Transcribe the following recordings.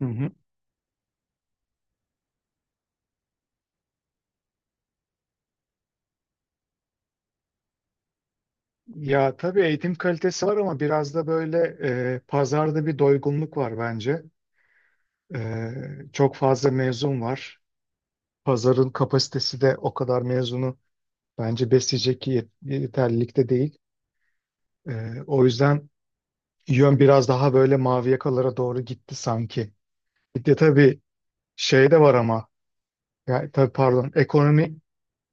Hı hı. Ya tabii eğitim kalitesi var ama biraz da böyle pazarda bir doygunluk var bence. Çok fazla mezun var. Pazarın kapasitesi de o kadar mezunu bence besleyecek yeterlilikte değil. O yüzden yön biraz daha böyle mavi yakalara doğru gitti sanki. Bir de tabii şey de var ama ya tabii pardon ekonomi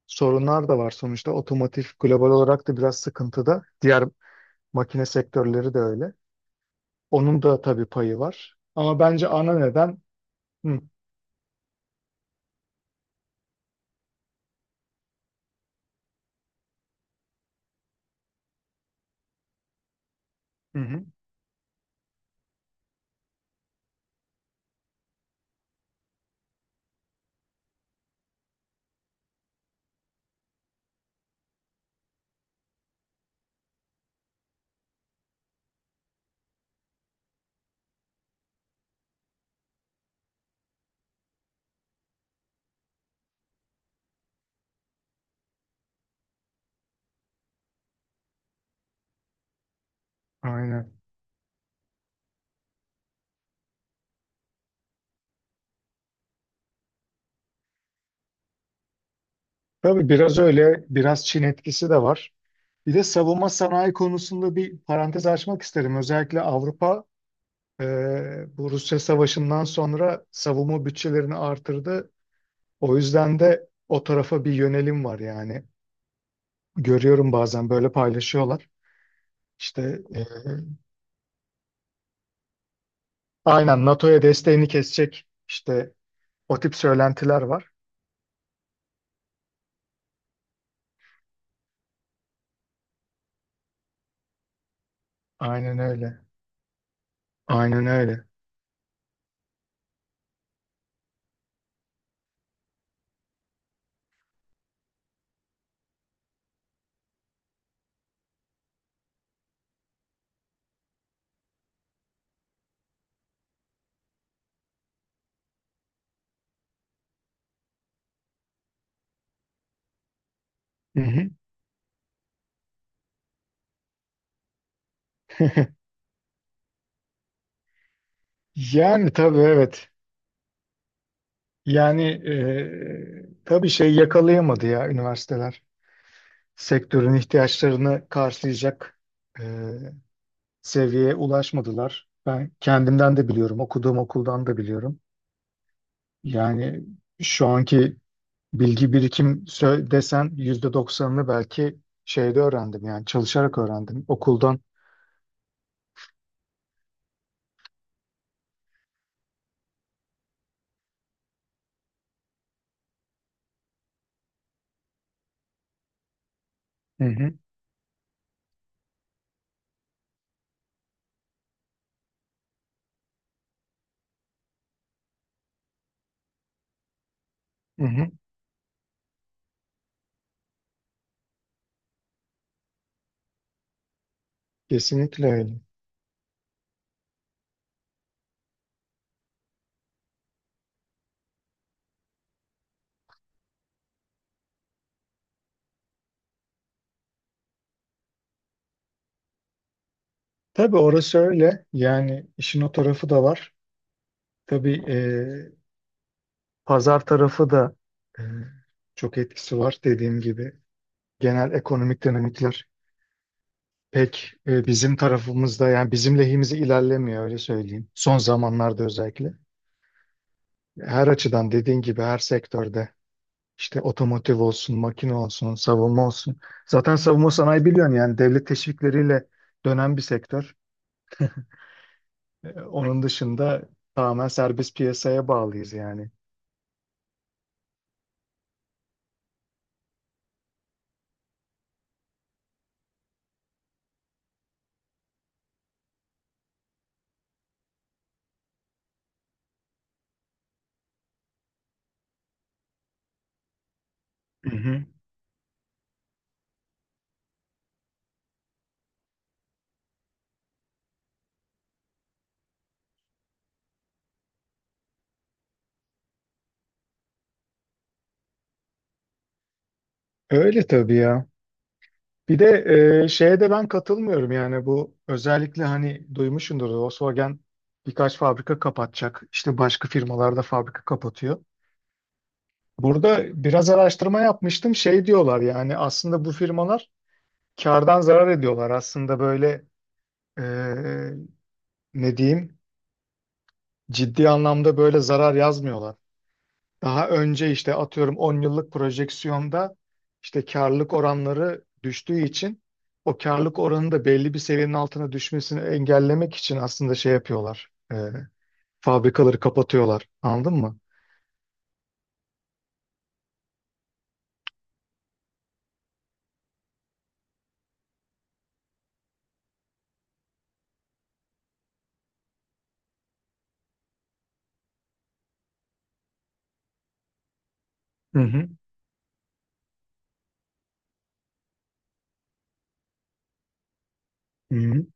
sorunlar da var sonuçta. Otomotiv global olarak da biraz sıkıntıda. Diğer makine sektörleri de öyle. Onun da tabii payı var. Ama bence ana neden hı, hı hı, aynen. Tabii biraz öyle, biraz Çin etkisi de var. Bir de savunma sanayi konusunda bir parantez açmak isterim. Özellikle Avrupa e, bu Rusya Savaşı'ndan sonra savunma bütçelerini artırdı. O yüzden de o tarafa bir yönelim var yani. Görüyorum bazen böyle paylaşıyorlar. İşte e, aynen NATO'ya desteğini kesecek işte o tip söylentiler var. Aynen öyle. Aynen öyle. Hı hı. Yani tabii evet. Yani tabii şey yakalayamadı ya üniversiteler. Sektörün ihtiyaçlarını karşılayacak e, seviyeye ulaşmadılar. Ben kendimden de biliyorum, okuduğum okuldan da biliyorum. Yani şu anki desen %90'ını belki şeyde öğrendim yani çalışarak öğrendim okuldan. Hı hı, hı hı. Kesinlikle öyle. Tabii orası öyle. Yani işin o tarafı da var. Tabii pazar tarafı da e, çok etkisi var dediğim gibi. Genel ekonomik dinamikler pek bizim tarafımızda yani bizim lehimize ilerlemiyor öyle söyleyeyim. Son zamanlarda özellikle. Her açıdan dediğin gibi her sektörde işte otomotiv olsun, makine olsun, savunma olsun. Zaten savunma sanayi biliyorsun yani devlet teşvikleriyle dönen bir sektör. Onun dışında tamamen serbest piyasaya bağlıyız yani. Hı hı. Öyle tabii ya. Bir de şeye de ben katılmıyorum yani bu özellikle hani duymuşsundur Volkswagen birkaç fabrika kapatacak. İşte başka firmalarda fabrika kapatıyor. Burada biraz araştırma yapmıştım. Şey diyorlar yani aslında bu firmalar kardan zarar ediyorlar. Aslında böyle e, ne diyeyim ciddi anlamda böyle zarar yazmıyorlar. Daha önce işte atıyorum 10 yıllık projeksiyonda işte karlılık oranları düştüğü için o karlılık oranı da belli bir seviyenin altına düşmesini engellemek için aslında şey yapıyorlar. Fabrikaları kapatıyorlar. Anladın mı? Hı hı. Hı hı.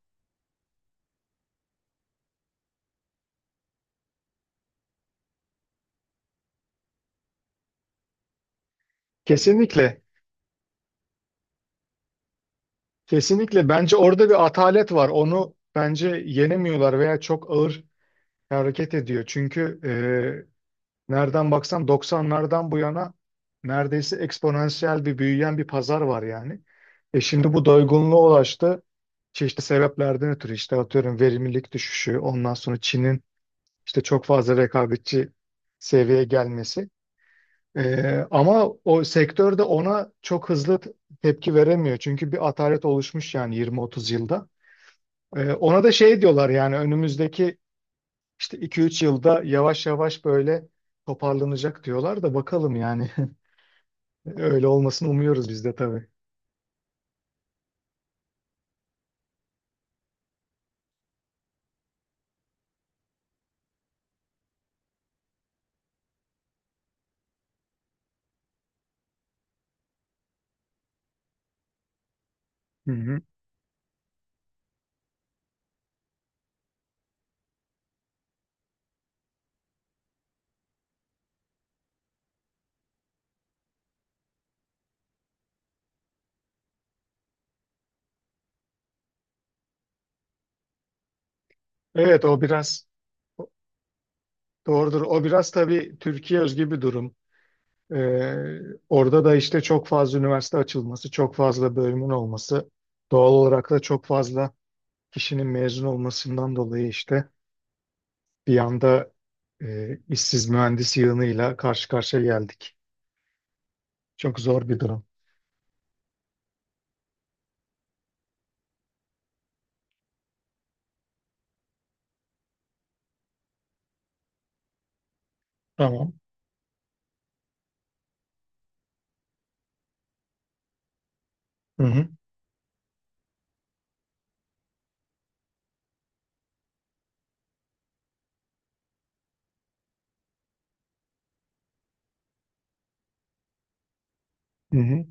Kesinlikle. Kesinlikle. Bence orada bir atalet var. Onu bence yenemiyorlar veya çok ağır hareket ediyor. Çünkü nereden baksan 90'lardan bu yana neredeyse eksponansiyel bir büyüyen bir pazar var yani. E şimdi bu doygunluğa ulaştı. Çeşitli sebeplerden ötürü işte atıyorum verimlilik düşüşü, ondan sonra Çin'in işte çok fazla rekabetçi seviyeye gelmesi. Ama o sektör de ona çok tepki veremiyor. Çünkü bir atalet oluşmuş yani 20-30 yılda. Ona da şey diyorlar yani önümüzdeki işte 2-3 yılda yavaş yavaş böyle toparlanacak diyorlar da bakalım yani. Öyle olmasını umuyoruz biz de tabii. Hı hı. Evet o biraz doğrudur. O biraz tabii Türkiye özgü bir durum. Ee, Orada da işte çok fazla üniversite açılması, çok fazla bölümün olması, doğal olarak da çok fazla kişinin mezun olmasından dolayı işte bir anda işsiz mühendis yığınıyla karşı karşıya geldik. Çok zor bir durum. Tamam. Hı hı. Hı hı.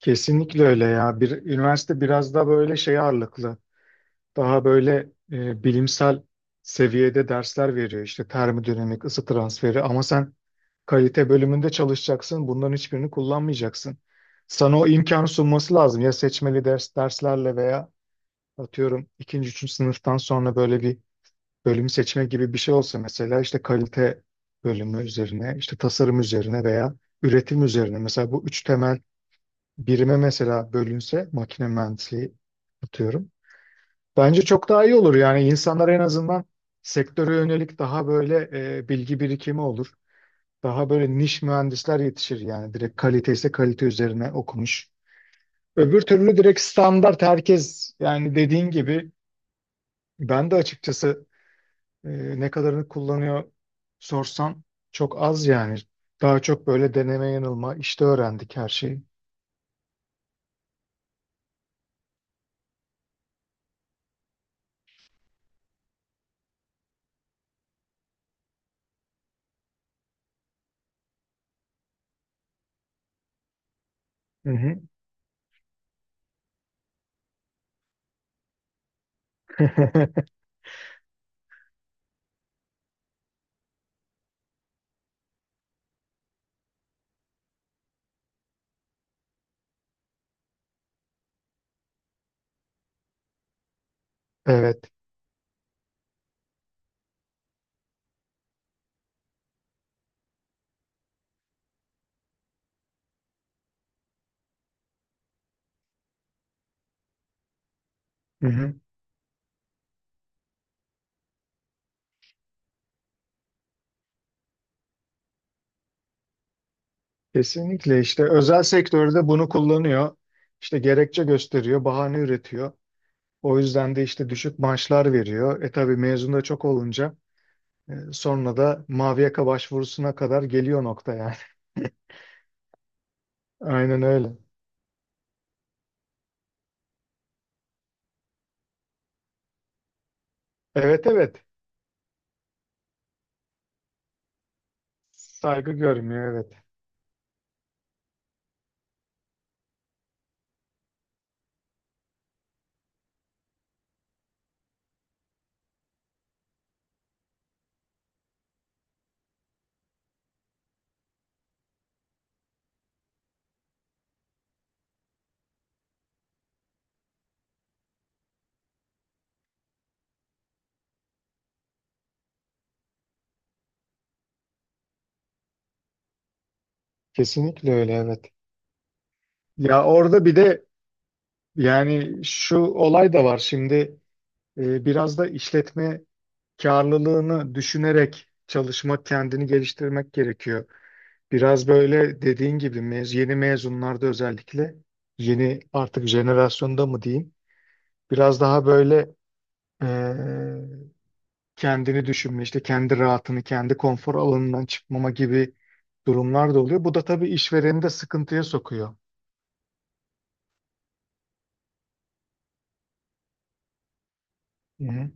Kesinlikle öyle ya. Bir, üniversite biraz daha böyle şey ağırlıklı. Daha böyle bilimsel seviyede dersler veriyor. İşte termodinamik, ısı transferi ama sen kalite bölümünde çalışacaksın. Bunların hiçbirini kullanmayacaksın. Sana o imkan sunması lazım. Ya seçmeli derslerle veya atıyorum ikinci, üçüncü sınıftan sonra böyle bir bölüm seçme gibi bir şey olsa mesela işte kalite bölümü üzerine, işte tasarım üzerine veya üretim üzerine. Mesela bu üç temel birime mesela bölünse makine mühendisliği atıyorum. Bence çok daha iyi olur. Yani insanlar en azından sektöre yönelik daha böyle bilgi birikimi olur. Daha böyle niş mühendisler yetişir yani direkt kalite ise kalite üzerine okumuş. Öbür türlü direkt standart herkes yani dediğin gibi ben de açıkçası e, ne kadarını kullanıyor sorsan çok az yani. Daha çok böyle deneme yanılma işte öğrendik her şeyi. Hı hı. Evet. Hı hı. Kesinlikle işte özel sektörde bunu kullanıyor. İşte gerekçe gösteriyor, bahane üretiyor. O yüzden de işte düşük maaşlar veriyor. E tabii mezun da çok olunca sonra da mavi yaka başvurusuna kadar geliyor nokta yani. Aynen öyle. Evet evet. Saygı görmüyor evet. Kesinlikle öyle evet. Ya orada bir de yani şu olay da var şimdi biraz da işletme karlılığını düşünerek çalışmak, kendini geliştirmek gerekiyor. Biraz böyle dediğin gibi yeni mezunlarda özellikle yeni artık jenerasyonda mı diyeyim biraz daha böyle eee, kendini düşünme işte kendi rahatını kendi konfor alanından çıkmama gibi durumlar da oluyor. Bu da tabii işvereni de sıkıntıya sokuyor. Hı hı.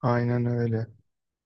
Aynen öyle.